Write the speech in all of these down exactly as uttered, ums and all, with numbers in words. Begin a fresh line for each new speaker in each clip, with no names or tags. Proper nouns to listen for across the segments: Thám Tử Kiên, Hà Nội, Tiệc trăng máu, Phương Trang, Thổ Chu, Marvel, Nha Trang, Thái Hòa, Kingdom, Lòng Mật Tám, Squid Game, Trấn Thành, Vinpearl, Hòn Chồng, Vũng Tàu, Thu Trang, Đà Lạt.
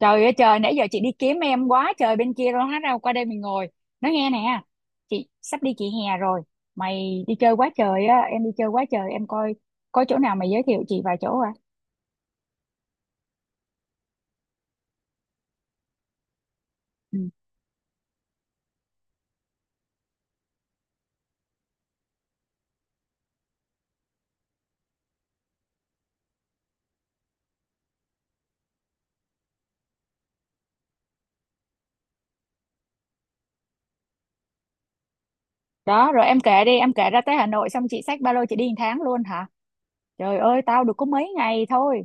Trời ơi trời, nãy giờ chị đi kiếm em quá trời, bên kia rồi hết, đâu qua đây mình ngồi nói nghe nè. Chị sắp đi, chị hè rồi. Mày đi chơi quá trời á, em đi chơi quá trời, em coi có chỗ nào mày giới thiệu chị vài chỗ à? Ừ. Đó, rồi em kể đi, em kể ra tới Hà Nội xong chị xách ba lô chị đi một tháng luôn hả? Trời ơi, tao được có mấy ngày thôi.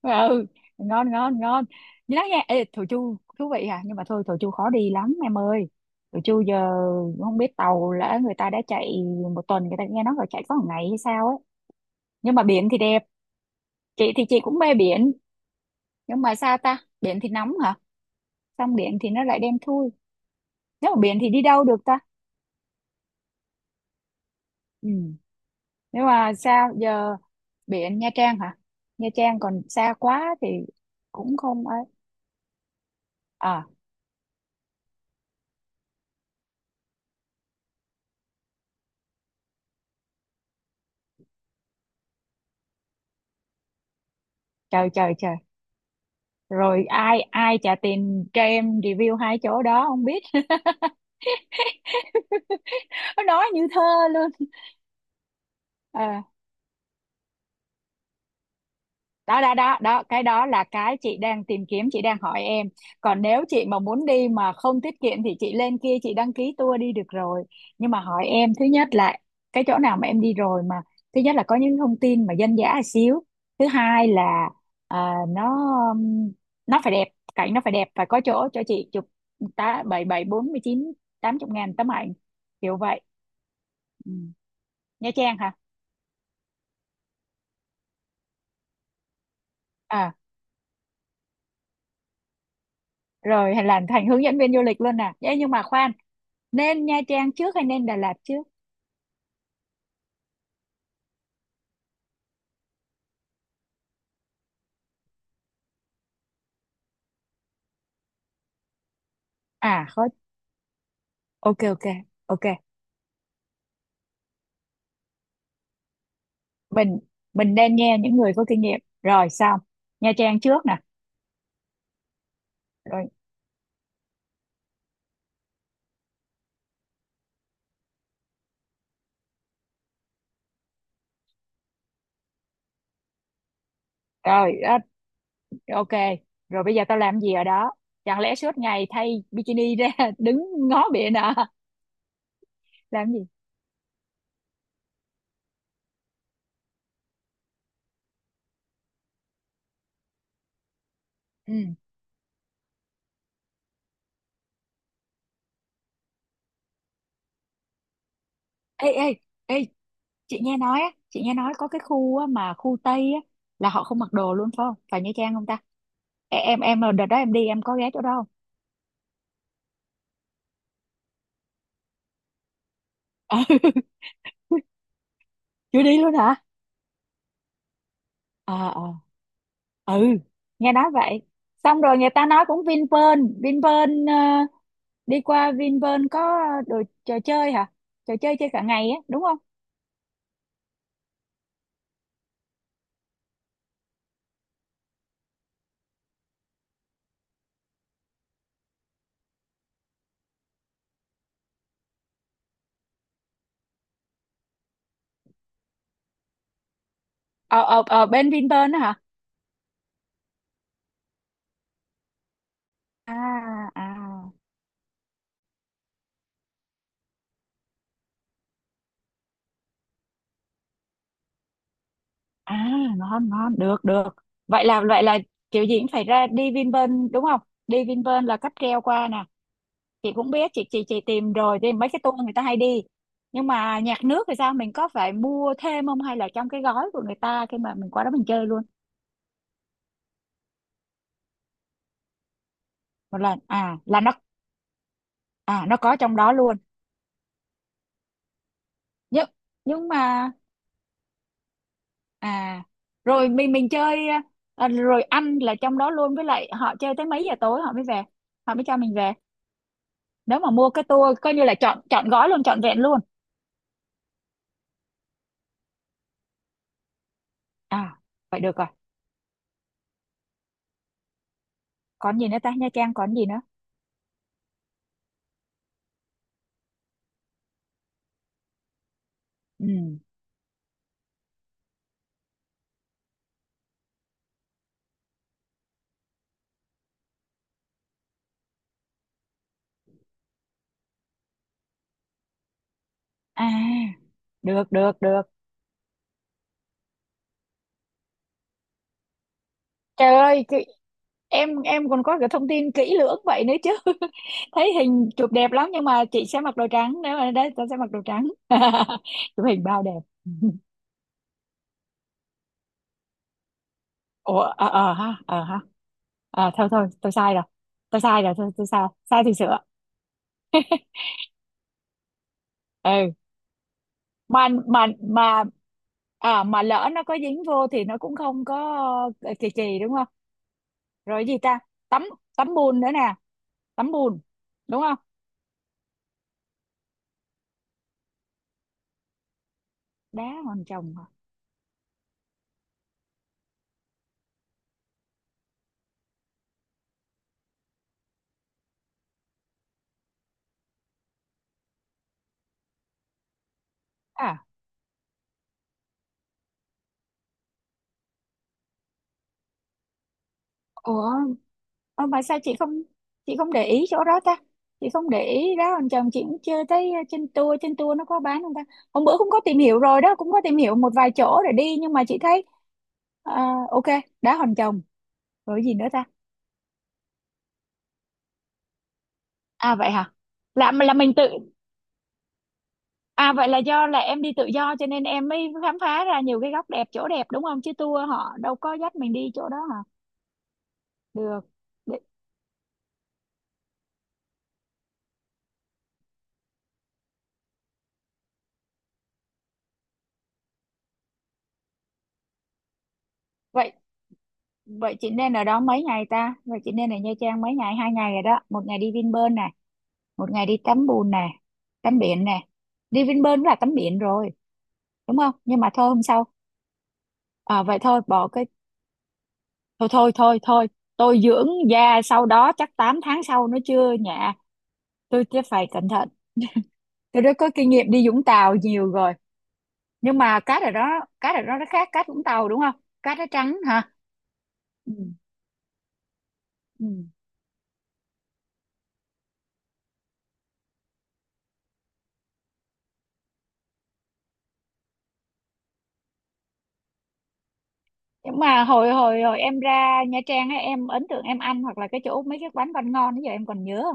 Ờ, ừ. Ngon ngon ngon. Như đó nha. Ê, Thổ Chu thú vị à, nhưng mà thôi, Thổ Chu khó đi lắm em ơi. Thổ Chu giờ không biết tàu lỡ người ta đã chạy, một tuần người ta nghe nói là chạy có một ngày hay sao ấy. Nhưng mà biển thì đẹp. Chị thì chị cũng mê biển, nhưng mà sao ta, biển thì nóng hả, xong biển thì nó lại đen thui. Nếu mà biển thì đi đâu được ta? Ừ. Nhưng mà sao giờ, biển Nha Trang hả? Nha Trang còn xa quá thì cũng không ấy. À. Trời trời trời, rồi ai ai trả tiền cho em review hai chỗ đó không biết. Nó nói như thơ luôn. Ờ, đó đó đó đó, cái đó là cái chị đang tìm kiếm, chị đang hỏi em. Còn nếu chị mà muốn đi mà không tiết kiệm thì chị lên kia chị đăng ký tour đi được rồi. Nhưng mà hỏi em, thứ nhất là cái chỗ nào mà em đi rồi mà, thứ nhất là có những thông tin mà dân dã xíu, thứ hai là à, nó um, nó phải đẹp, cảnh nó phải đẹp, phải có chỗ cho chị chụp tá bảy bảy bốn mươi chín, tám chục ngàn tấm ảnh, kiểu vậy. Ừ. Nha Trang hả? À, rồi hay làm thành hướng dẫn viên du lịch luôn nè. Ê, nhưng mà khoan, nên Nha Trang trước hay nên Đà Lạt trước? À khó. Ok ok ok. Mình mình nên nghe những người có kinh nghiệm rồi xong. Nha Trang trước nè. Rồi rồi đó, ok. Rồi bây giờ tao làm gì ở đó? Chẳng lẽ suốt ngày thay bikini ra đứng ngó biển à? Làm gì. Ừ. Ê ê ê, chị nghe nói á chị nghe nói có cái khu á, mà khu Tây á, là họ không mặc đồ luôn phải không, phải Nha Trang không ta? Ê, em em đợt đó em đi em có ghé chỗ đó. Ừ. Chưa đi luôn hả? Ờ ờ, ừ, nghe nói vậy. Xong rồi người ta nói cũng Vinpearl Vinpearl, ờ, đi qua Vinpearl có ờ, đồ trò chơi hả? Trò chơi chơi cả ngày á đúng không? Ở ở ờ bên Vinpearl đó hả? À à à, ngon ngon, được được. Vậy là vậy là kiểu gì cũng phải ra đi Vinpearl đúng không? Đi Vinpearl là cáp treo qua nè. Chị cũng biết chị chị chị tìm rồi thì mấy cái tour người ta hay đi. Nhưng mà nhạc nước thì sao, mình có phải mua thêm không hay là trong cái gói của người ta khi mà mình qua đó mình chơi luôn? Một lần à? Là nó à, nó có trong đó luôn. Nhưng nhưng mà à rồi mình mình chơi à, rồi ăn là trong đó luôn, với lại họ chơi tới mấy giờ tối họ mới về, họ mới cho mình về. Nếu mà mua cái tour coi như là chọn chọn gói luôn, chọn vẹn luôn. À vậy được rồi, còn gì nữa ta, Nha Trang còn gì nữa? Ừ. À, được được được. Trời ơi, cái- em em còn có cái thông tin kỹ lưỡng vậy nữa chứ. Thấy hình chụp đẹp lắm nhưng mà chị sẽ mặc đồ trắng, nếu mà đấy tôi sẽ mặc đồ trắng. Chụp hình bao đẹp. Ủa, ờ, ờ ha, ờ ha. À thôi thôi, tôi sai rồi. Tôi sai rồi, thôi tôi sai. Sai thì sửa. Ừ. Mà mà mà à mà lỡ nó có dính vô thì nó cũng không có ờ, kỳ kỳ đúng không? Rồi gì ta? Tấm tấm bùn nữa nè, tấm bùn đúng không? Đá hoàn chồng hả? À, ủa. Ờ, mà sao chị không chị không để ý chỗ đó ta, chị không để ý đó, anh chồng chị cũng chưa thấy. ờ, trên tour trên tour nó có bán không ta? Hôm bữa cũng có tìm hiểu rồi đó, cũng có tìm hiểu một vài chỗ để đi nhưng mà chị thấy ờ, ok. Đá Hòn Chồng. Rồi gì nữa ta? À vậy hả? Là là mình tự, à vậy là do là em đi tự do cho nên em mới khám phá ra nhiều cái góc đẹp chỗ đẹp đúng không, chứ tour họ đâu có dắt mình đi chỗ đó hả? Được. Để- vậy vậy chị nên ở đó mấy ngày ta, vậy chị nên ở Nha Trang mấy ngày? Hai ngày rồi đó, một ngày đi Vinpearl nè, một ngày đi tắm bùn nè, tắm biển nè, đi Vinpearl cũng là tắm biển rồi đúng không? Nhưng mà thôi hôm sau. À, vậy thôi bỏ cái. Thôi thôi thôi thôi, tôi dưỡng da sau đó chắc tám tháng sau nó chưa nhạ, tôi sẽ phải cẩn thận. Tôi đã có kinh nghiệm đi Vũng Tàu nhiều rồi. Nhưng mà cát ở đó cát ở đó nó khác cát Vũng Tàu đúng không, cát nó trắng hả. Ừ. Ừ. Nhưng mà hồi hồi hồi em ra Nha Trang á, em ấn tượng em ăn hoặc là cái chỗ mấy cái quán bánh ngon bây giờ em còn nhớ không?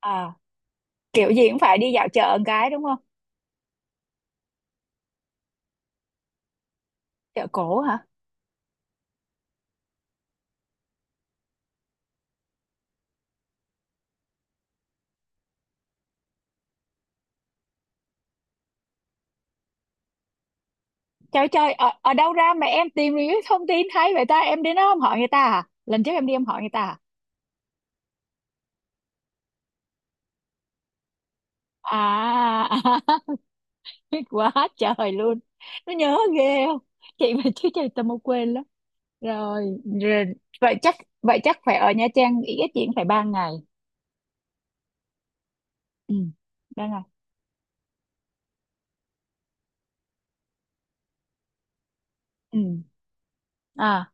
À, kiểu gì cũng phải đi dạo chợ một cái đúng không? Chợ cổ hả? Trời trời, ở, ở đâu ra mà em tìm những cái thông tin hay vậy ta, em đến đó không hỏi người ta à? Lần trước em đi em hỏi người ta. À à. Biết quá trời luôn, nó nhớ ghê không, chị mà chứ trời tao mau quên lắm. Rồi, rồi. Vậy chắc vậy chắc phải ở Nha Trang ít nhất chị cũng phải ba ngày. Ừ, ba ngày. Ừ. À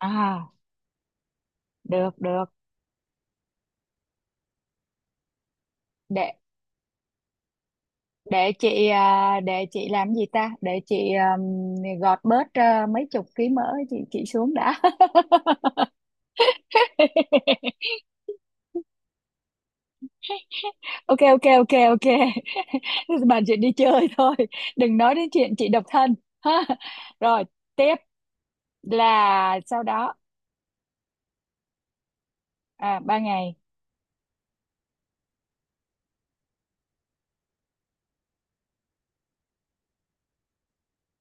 à, được được. Để để chị à, để chị làm gì ta, để chị um, gọt bớt à, mấy chục ký mỡ, chị chị xuống đã. Ok ok ok ok. Bàn chuyện đi chơi thôi, đừng nói đến chuyện chị độc thân. Ha. Rồi tiếp, là sau đó. À, ba ngày.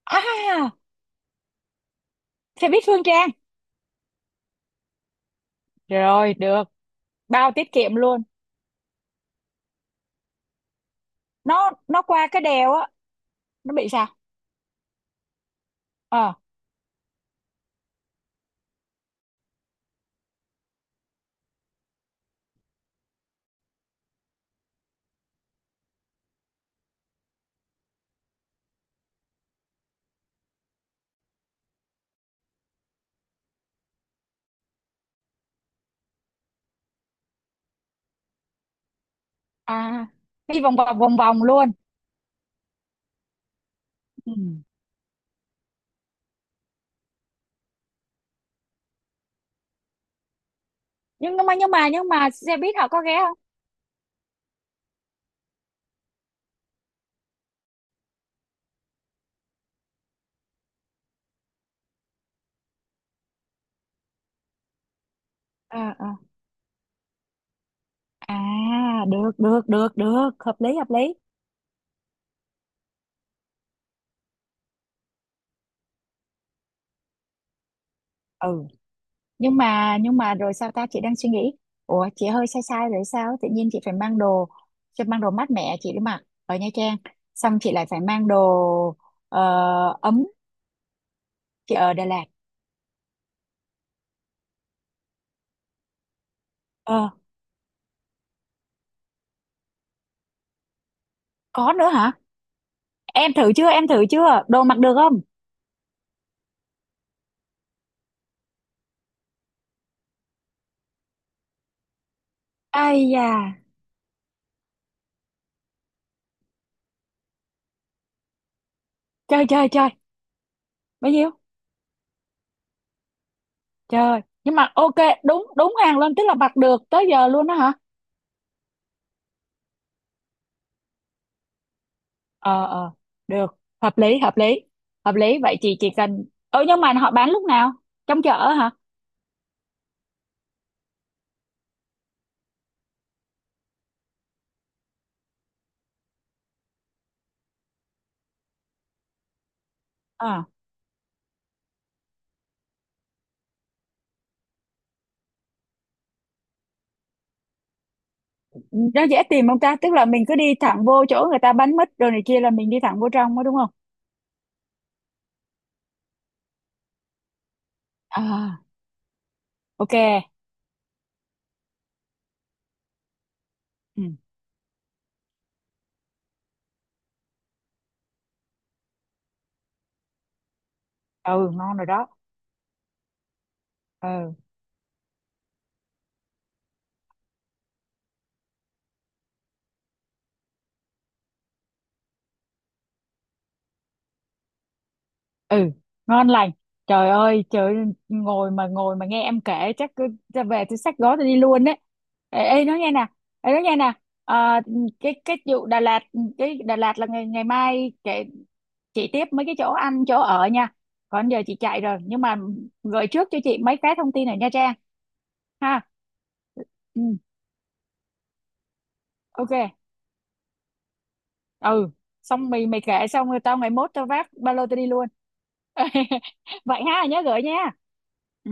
À, xe buýt Phương Trang. Rồi, được, bao tiết kiệm luôn. Nó nó qua cái đèo á, nó bị sao? ờ à Đi vòng vòng vòng vòng luôn. Ừ. nhưng mà nhưng mà nhưng mà xe buýt họ có ghé không? À, à. À được được được được, hợp lý hợp lý. Ừ, nhưng mà nhưng mà rồi sao ta, chị đang suy nghĩ. Ủa chị hơi sai sai rồi sao, tự nhiên chị phải mang đồ, chị mang đồ mát mẻ chị đi mặc ở Nha Trang, xong chị lại phải mang đồ ờ, ấm chị ở Đà Lạt. Ờ, có nữa hả? Em thử chưa, em thử chưa, đồ mặc được không? Ai da. Trời trời trời. Bao nhiêu? Trời, nhưng mà ok. Đúng đúng hàng luôn, tức là mặc được tới giờ luôn đó hả? Ờ ờ, được. Hợp lý hợp lý hợp lý. Vậy chị chỉ cần ờ nhưng mà họ bán lúc nào, trong chợ hả? Ờ, nó dễ tìm không ta, tức là mình cứ đi thẳng vô chỗ người ta bán mít rồi này kia là mình đi thẳng vô trong đó đúng không? À, ok. Ừ, ừ. Ngon rồi đó. Ừ. Ừ, ngon lành. Trời ơi trời ơi, ngồi mà ngồi mà nghe em kể chắc cứ ra về tôi xách gói tôi đi luôn đấy. Ê, ê nói nghe nè, ê nói nghe nè. Ờ, cái cái vụ Đà Lạt, cái Đà Lạt là ngày ngày mai kể, chị tiếp mấy cái chỗ ăn chỗ ở nha. Còn giờ chị chạy rồi nhưng mà gửi trước cho chị mấy cái thông tin ở Nha Trang. Ha. Ừ, ok. Ừ. Xong mày mày kể xong rồi tao ngày mốt tao vác ba lô tao đi luôn. Vậy ha, nhớ gửi nha. Ừ.